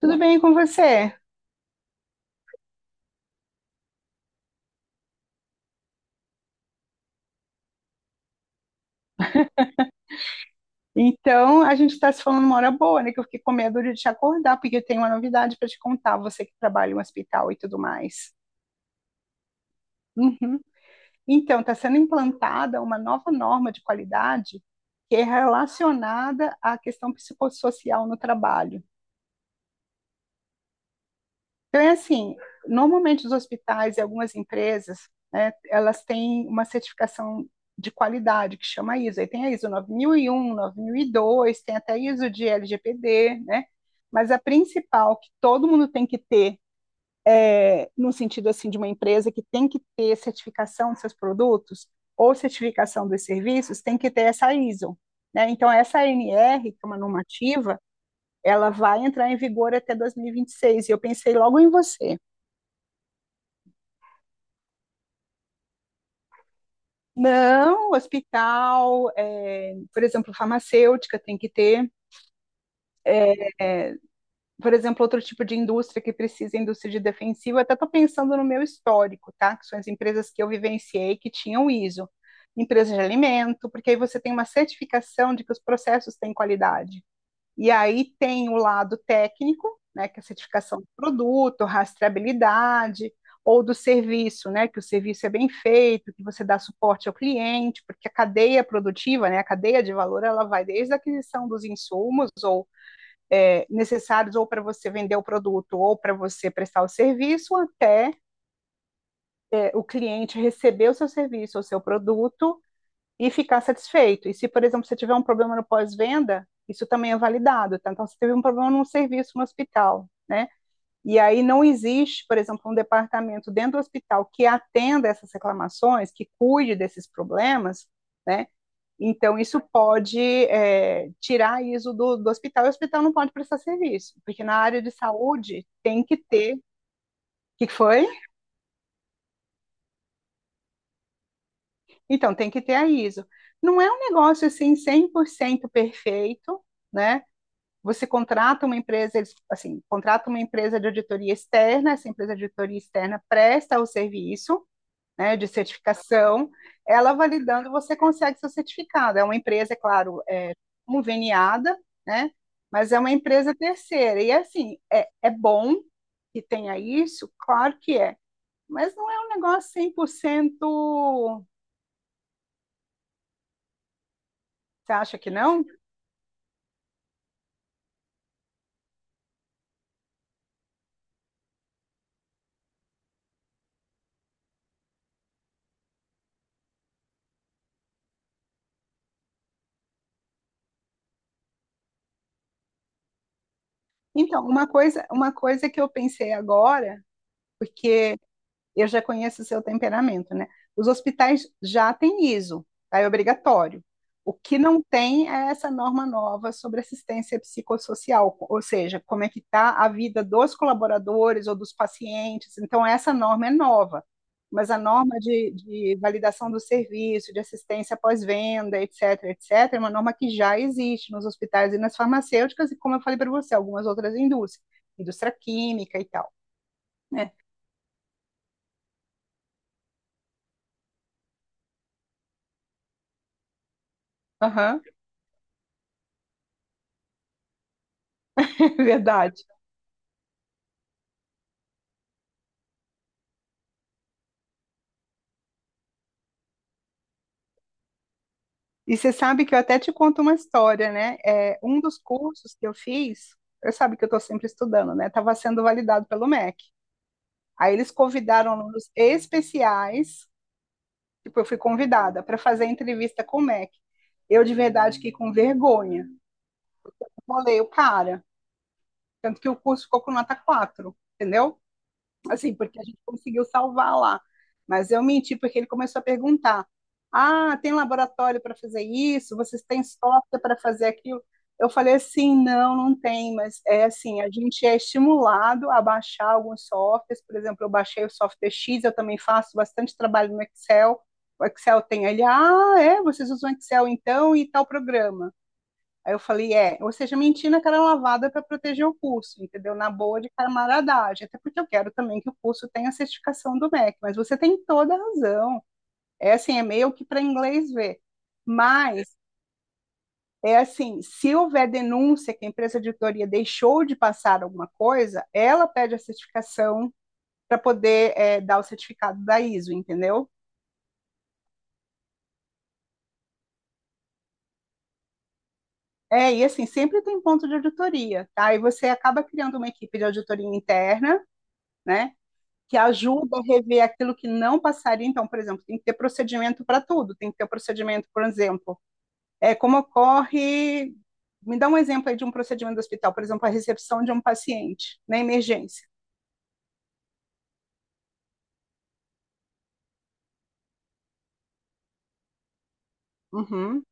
Tudo bem com você? Então, a gente está se falando uma hora boa, né? Que eu fiquei com medo de te acordar, porque eu tenho uma novidade para te contar, você que trabalha em um hospital e tudo mais. Uhum. Então, está sendo implantada uma nova norma de qualidade que é relacionada à questão psicossocial no trabalho. Então, é assim, normalmente os hospitais e algumas empresas, né, elas têm uma certificação de qualidade que chama ISO. Aí tem a ISO nove mil e um, 9002, tem até a ISO de LGPD, né? Mas a principal que todo mundo tem que ter, no sentido assim de uma empresa que tem que ter certificação dos seus produtos ou certificação dos serviços, tem que ter essa ISO. Né? Então, essa ANR, que é uma normativa, ela vai entrar em vigor até dois mil e vinte e seis. E eu pensei logo em você. Não, hospital, por exemplo, farmacêutica tem que ter, é, por exemplo, outro tipo de indústria que precisa, indústria de defensivo, eu até estou pensando no meu histórico, tá? Que são as empresas que eu vivenciei que tinham ISO, empresas de alimento, porque aí você tem uma certificação de que os processos têm qualidade. E aí tem o lado técnico, né, que é a certificação do produto, rastreabilidade, ou do serviço, né, que o serviço é bem feito, que você dá suporte ao cliente, porque a cadeia produtiva, né, a cadeia de valor, ela vai desde a aquisição dos insumos ou necessários ou para você vender o produto ou para você prestar o serviço, até o cliente receber o seu serviço ou seu produto e ficar satisfeito. E se, por exemplo, você tiver um problema no pós-venda, isso também é validado, tá? Então, você teve um problema num serviço no hospital, né? E aí não existe, por exemplo, um departamento dentro do hospital que atenda essas reclamações, que cuide desses problemas, né? Então, isso pode tirar isso do hospital e o hospital não pode prestar serviço, porque na área de saúde tem que ter. O que foi? Então, tem que ter a ISO. Não é um negócio assim 100% perfeito, né? Você contrata uma empresa, eles, assim, contrata uma empresa de auditoria externa, essa empresa de auditoria externa presta o serviço, né, de certificação, ela validando, você consegue seu certificado. É uma empresa, é claro, conveniada, né, mas é uma empresa terceira. E, assim, é bom que tenha isso? Claro que é. Mas não é um negócio 100%. Você acha que não? Então, uma coisa que eu pensei agora, porque eu já conheço o seu temperamento, né? Os hospitais já têm ISO, tá? É obrigatório. O que não tem é essa norma nova sobre assistência psicossocial, ou seja, como é que está a vida dos colaboradores ou dos pacientes. Então, essa norma é nova, mas a norma de validação do serviço, de assistência pós-venda, etc., etc., é uma norma que já existe nos hospitais e nas farmacêuticas, e como eu falei para você, algumas outras indústrias, indústria química e tal. Né? Uhum. Verdade. E você sabe que eu até te conto uma história, né? Um dos cursos que eu fiz, eu sabe que eu estou sempre estudando, né? Estava sendo validado pelo MEC. Aí eles convidaram alunos especiais, tipo, eu fui convidada para fazer entrevista com o MEC. Eu, de verdade, que com vergonha. Bolei o cara. Tanto que o curso ficou com nota 4, entendeu? Assim, porque a gente conseguiu salvar lá. Mas eu menti, porque ele começou a perguntar: Ah, tem laboratório para fazer isso? Vocês têm software para fazer aquilo? Eu falei assim: Não, não tem, mas é assim: a gente é estimulado a baixar alguns softwares. Por exemplo, eu baixei o software X, eu também faço bastante trabalho no Excel. O Excel tem ali: Ah, é, vocês usam Excel então e tal programa. Aí eu falei, é, ou seja, mentir na cara lavada para proteger o curso, entendeu? Na boa de camaradagem, até porque eu quero também que o curso tenha a certificação do MEC, mas você tem toda a razão. É assim, é meio que para inglês ver. Mas é assim, se houver denúncia que a empresa de auditoria deixou de passar alguma coisa, ela pede a certificação para poder dar o certificado da ISO, entendeu? É, e assim, sempre tem ponto de auditoria, tá? E você acaba criando uma equipe de auditoria interna, né? Que ajuda a rever aquilo que não passaria. Então, por exemplo, tem que ter procedimento para tudo, tem que ter o procedimento, por exemplo, é como ocorre. Me dá um exemplo aí de um procedimento do hospital, por exemplo, a recepção de um paciente na emergência. Uhum.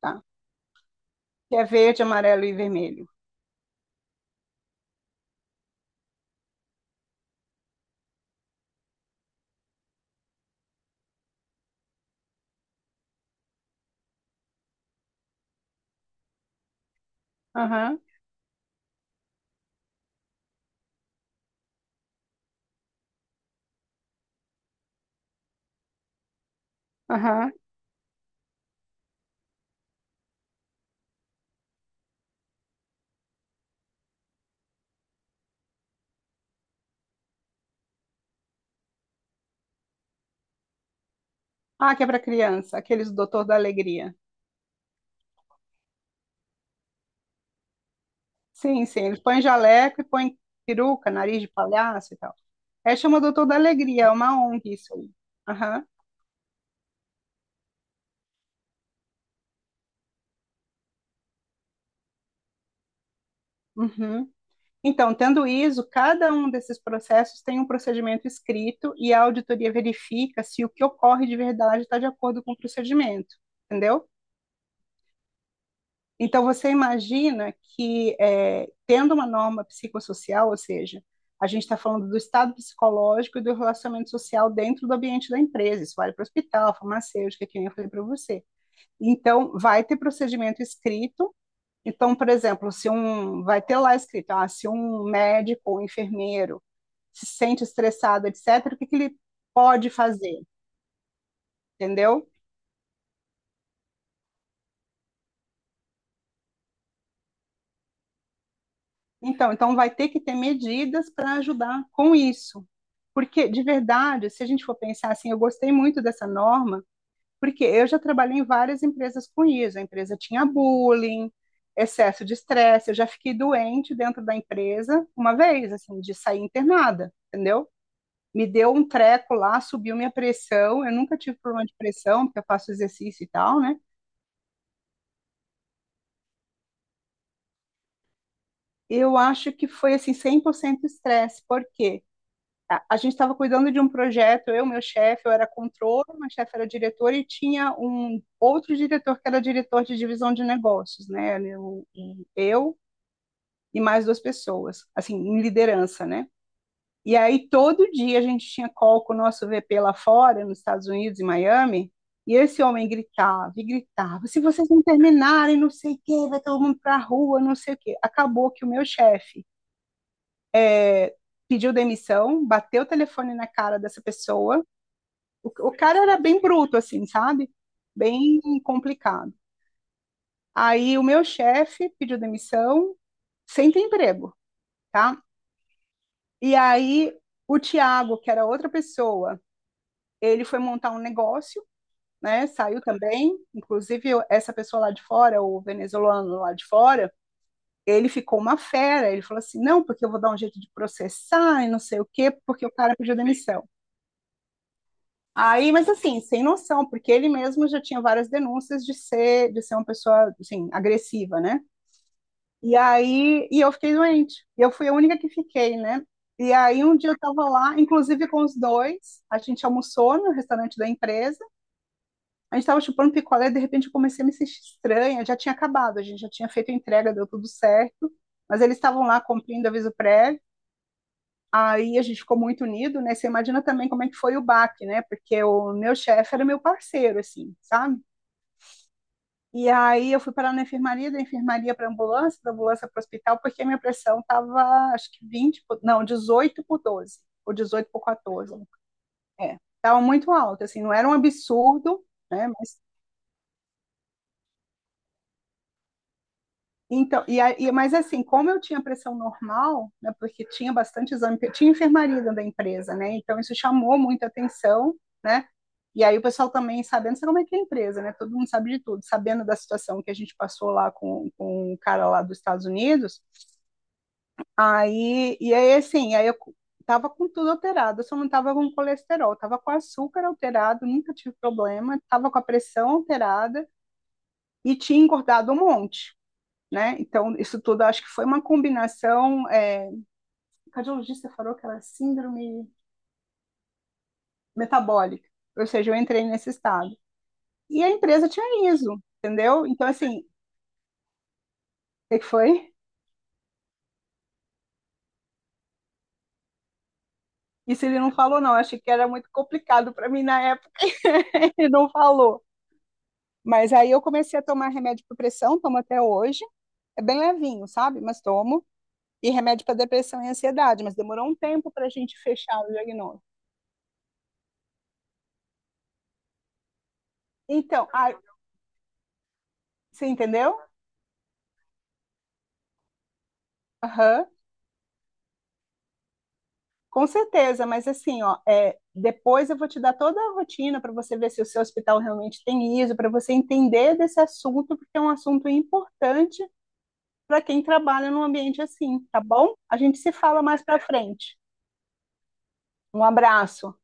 Tá. Que é verde, amarelo e vermelho. Aham, aham. Ah, que é para criança, aqueles do Doutor da Alegria. Sim, sim, eles põem jaleco e põem peruca, nariz de palhaço e tal. É chama Doutor da Alegria, é uma ONG isso aí. Aham, uhum. Então, tendo ISO, cada um desses processos tem um procedimento escrito e a auditoria verifica se o que ocorre de verdade está de acordo com o procedimento, entendeu? Então, você imagina que, tendo uma norma psicossocial, ou seja, a gente está falando do estado psicológico e do relacionamento social dentro do ambiente da empresa, isso vale para o hospital, farmacêutica, que nem eu falei para você. Então, vai ter procedimento escrito. Então, por exemplo, se um vai ter lá escrito, ah, se um médico ou enfermeiro se sente estressado, etc., o que, que ele pode fazer, entendeu? Então, vai ter que ter medidas para ajudar com isso. Porque, de verdade, se a gente for pensar assim, eu gostei muito dessa norma, porque eu já trabalhei em várias empresas com isso. A empresa tinha bullying, excesso de estresse. Eu já fiquei doente dentro da empresa uma vez, assim, de sair internada, entendeu? Me deu um treco lá, subiu minha pressão. Eu nunca tive problema de pressão, porque eu faço exercício e tal, né? Eu acho que foi assim 100% estresse, porque a gente estava cuidando de um projeto, eu, meu chefe, eu era controller, meu chefe era diretor e tinha um outro diretor que era diretor de divisão de negócios, né? Eu e mais duas pessoas, assim, em liderança, né? E aí todo dia a gente tinha call com o nosso VP lá fora, nos Estados Unidos, em Miami, e esse homem gritava e gritava: se vocês não terminarem, não sei o quê, vai todo mundo para a rua, não sei o quê. Acabou que o meu chefe é, pediu demissão, bateu o telefone na cara dessa pessoa. O cara era bem bruto, assim, sabe? Bem complicado. Aí o meu chefe pediu demissão, sem ter emprego, tá? E aí o Tiago, que era outra pessoa, ele foi montar um negócio, né? Saiu também, essa pessoa lá de fora, o venezuelano lá de fora, ele ficou uma fera. Ele falou assim: não, porque eu vou dar um jeito de processar e não sei o quê, porque o cara pediu demissão. Aí, mas assim, sem noção, porque ele mesmo já tinha várias denúncias de ser uma pessoa, assim, agressiva, né? E aí, e eu fiquei doente. E eu fui a única que fiquei, né? E aí um dia eu tava lá, inclusive com os dois, a gente almoçou no restaurante da empresa, a gente tava chupando picolé, de repente eu comecei a me sentir estranha, já tinha acabado, a gente já tinha feito a entrega, deu tudo certo, mas eles estavam lá cumprindo aviso prévio. Aí a gente ficou muito unido, né? Você imagina também como é que foi o baque, né? Porque o meu chefe era meu parceiro, assim, sabe? E aí eu fui parar na enfermaria, da enfermaria para ambulância, da ambulância para o hospital, porque a minha pressão estava, acho que não, 18 por 12 ou 18 por 14. É, estava muito alta, assim, não era um absurdo, né? Mas então, mas assim, como eu tinha pressão normal, né, porque tinha bastante exame, porque tinha enfermaria dentro da empresa, né? Então isso chamou muita atenção, né? E aí o pessoal também sabendo, sabe como é que é a empresa, né? Todo mundo sabe de tudo, sabendo da situação que a gente passou lá com o cara lá dos Estados Unidos. Aí, eu tava com tudo alterado, eu só não tava com colesterol, tava com açúcar alterado, nunca tive problema, tava com a pressão alterada e tinha engordado um monte, né? Então, isso tudo acho que foi uma combinação. É, o cardiologista falou que era síndrome metabólica, ou seja, eu entrei nesse estado. E a empresa tinha ISO, entendeu? Então, assim, o que foi? Isso ele não falou, não. Eu achei que era muito complicado para mim na época, ele não falou. Mas aí eu comecei a tomar remédio para pressão, tomo até hoje. É bem levinho, sabe? Mas tomo. E remédio para depressão e ansiedade, mas demorou um tempo para a gente fechar o diagnóstico. Então, você entendeu? Aham. Uhum. Com certeza, mas assim, ó, depois eu vou te dar toda a rotina para você ver se o seu hospital realmente tem ISO, para você entender desse assunto, porque é um assunto importante para quem trabalha num ambiente assim, tá bom? A gente se fala mais para frente. Um abraço.